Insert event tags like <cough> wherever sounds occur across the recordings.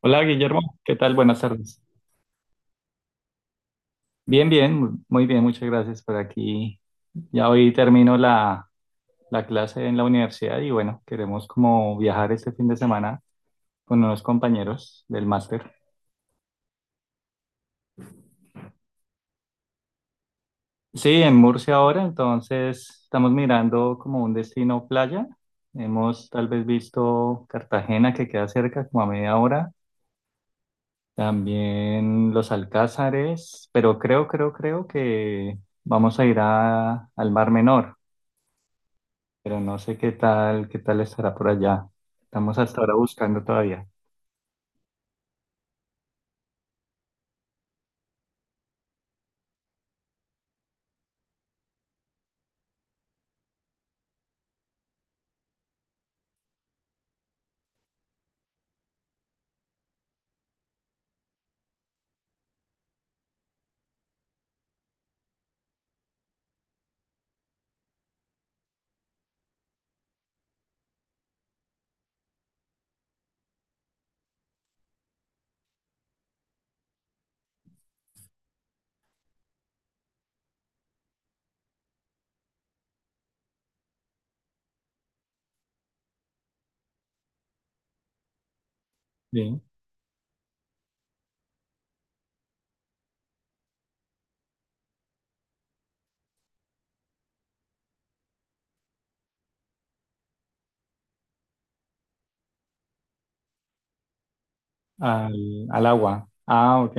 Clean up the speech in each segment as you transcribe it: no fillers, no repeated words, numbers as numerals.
Hola Guillermo, ¿qué tal? Buenas tardes. Bien, bien, muy bien, muchas gracias por aquí. Ya hoy termino la clase en la universidad y bueno, queremos como viajar este fin de semana con unos compañeros del máster. Sí, en Murcia ahora, entonces estamos mirando como un destino playa. Hemos tal vez visto Cartagena que queda cerca, como a media hora. También los Alcázares, pero creo que vamos a ir al Mar Menor. Pero no sé qué tal estará por allá. Estamos hasta ahora buscando todavía. Sí, al agua. Ah, ok.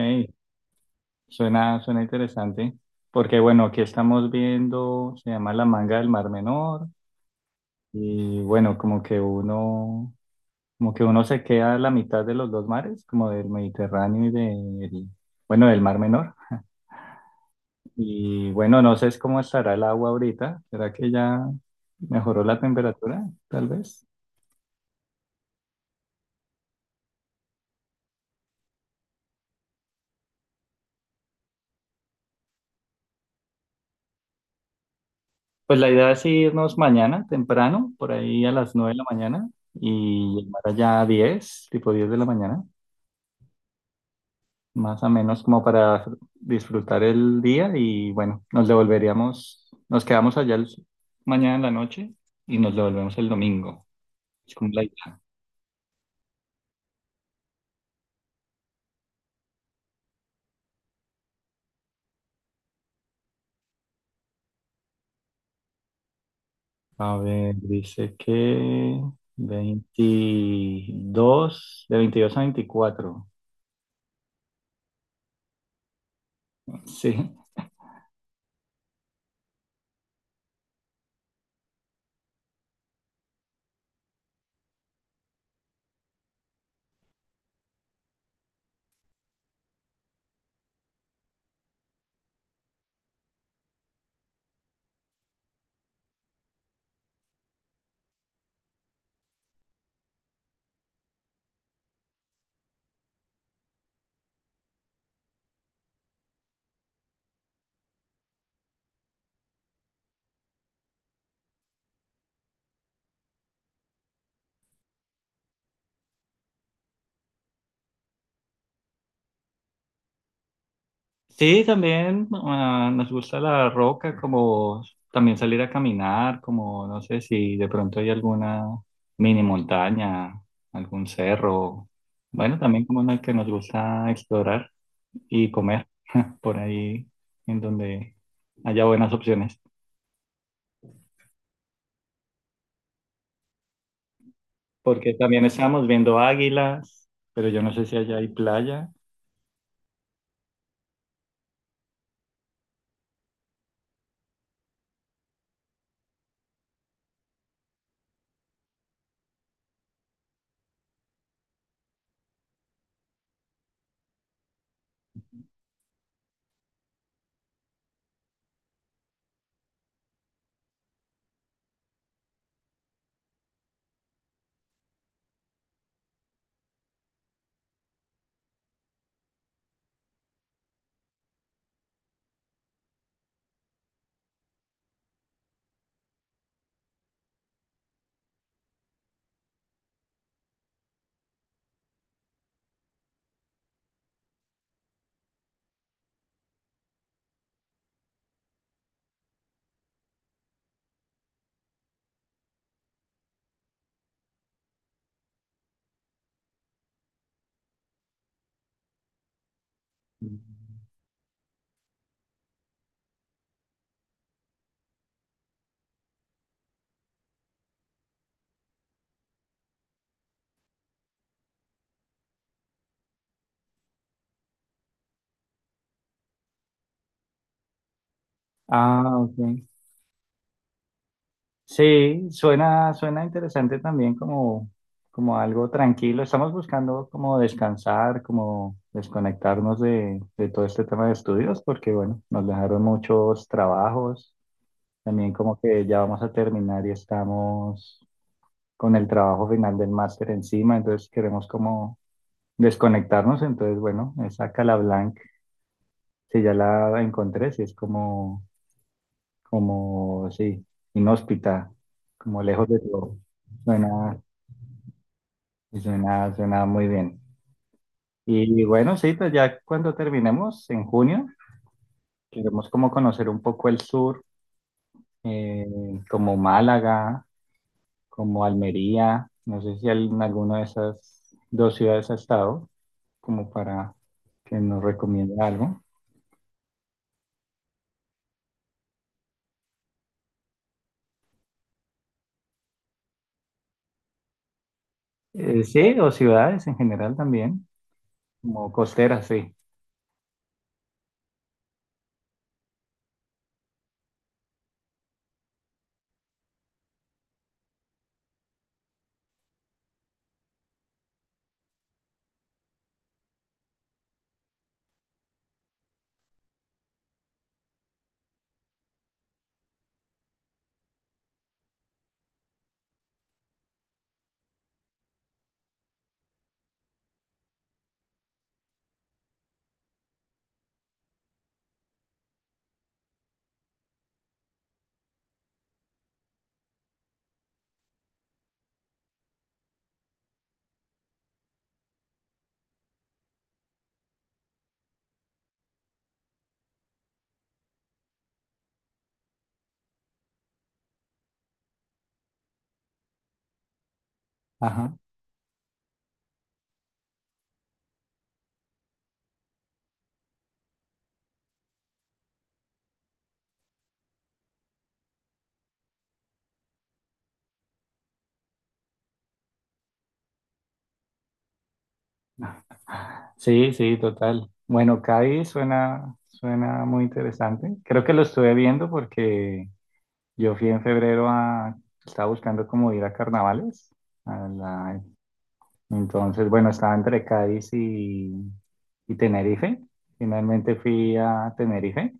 Suena, suena interesante. Porque bueno, aquí estamos viendo, se llama La Manga del Mar Menor. Y bueno, como que uno se queda a la mitad de los dos mares, como del Mediterráneo y del, bueno, del Mar Menor. Y bueno, no sé es cómo estará el agua ahorita. ¿Será que ya mejoró la temperatura? Tal vez. Pues la idea es irnos mañana temprano, por ahí a las 9 de la mañana y llegar allá a 10, tipo 10 de la mañana, más o menos como para disfrutar el día y bueno, nos devolveríamos, nos quedamos allá mañana en la noche y nos devolvemos el domingo. Es como la idea. A ver, dice que 22, de 22 a 24. Sí, sí, también ah, nos gusta la roca, como también salir a caminar, como no sé si de pronto hay alguna mini montaña, algún cerro. Bueno, también como una que nos gusta explorar y comer <laughs> por ahí en donde haya buenas opciones. Porque también estábamos viendo Águilas, pero yo no sé si allá hay playa. Ah, ok. Sí, suena, suena interesante también como algo tranquilo. Estamos buscando como descansar, como desconectarnos de todo este tema de estudios, porque bueno, nos dejaron muchos trabajos. También como que ya vamos a terminar y estamos con el trabajo final del máster encima, entonces queremos como desconectarnos. Entonces, bueno, esa Calablanc, si ya la encontré, si es como, sí, inhóspita, como lejos de todo. Suena, Y suena, suena muy bien. Y bueno, sí, pues ya cuando terminemos en junio, queremos como conocer un poco el sur, eh, como Málaga, como Almería, no sé si en alguna de esas dos ciudades ha estado, como para que nos recomiende algo. Sí, o ciudades en general también, como costeras, sí. Ajá. Sí, sí, total. Bueno, Cádiz suena, suena muy interesante. Creo que lo estuve viendo porque yo fui en febrero estaba buscando como ir a carnavales. a la- entonces, bueno, estaba entre Cádiz y Tenerife. Finalmente fui a Tenerife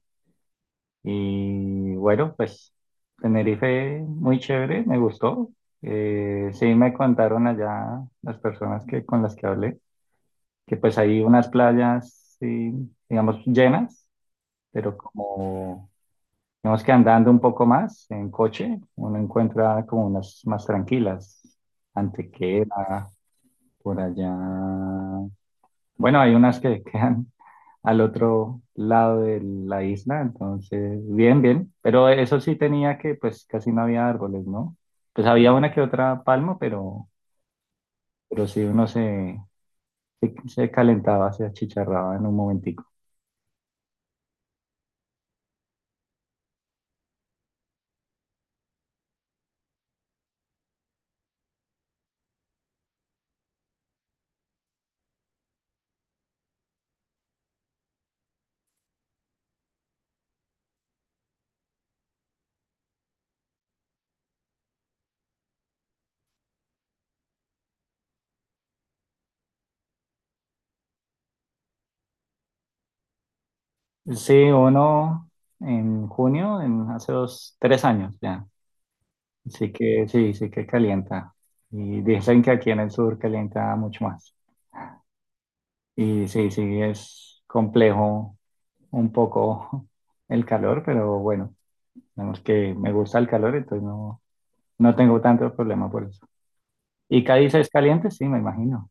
y bueno, pues Tenerife muy chévere, me gustó. Sí me contaron allá las personas con las que hablé, que pues hay unas playas, sí, digamos, llenas, pero como Digamos que andando un poco más en coche, uno encuentra como unas más tranquilas. Antequera, por allá. Bueno, hay unas que <laughs> quedan al otro lado de la isla, entonces, bien, bien. Pero eso sí tenía que, pues casi no había árboles, ¿no? Pues había una que otra palma, pero, sí uno se calentaba, se achicharraba en un momentico. Sí, uno en junio, en hace 2, 3 años ya. Sí que, sí, sí que calienta. Y dicen que aquí en el sur calienta mucho más. Y sí, sí, es complejo un poco <laughs> el calor, pero bueno, digamos que me gusta el calor, entonces no, no tengo tanto problema por eso. ¿Y Cádiz es caliente? Sí, me imagino.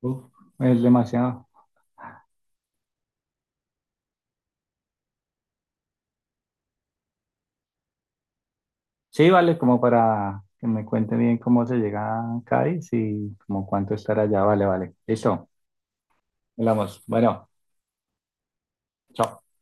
Uf, es demasiado. Sí, vale, como para que me cuente bien cómo se llega a Cádiz y como cuánto estar allá. Vale, vale. Listo, hablamos. Bueno, chao.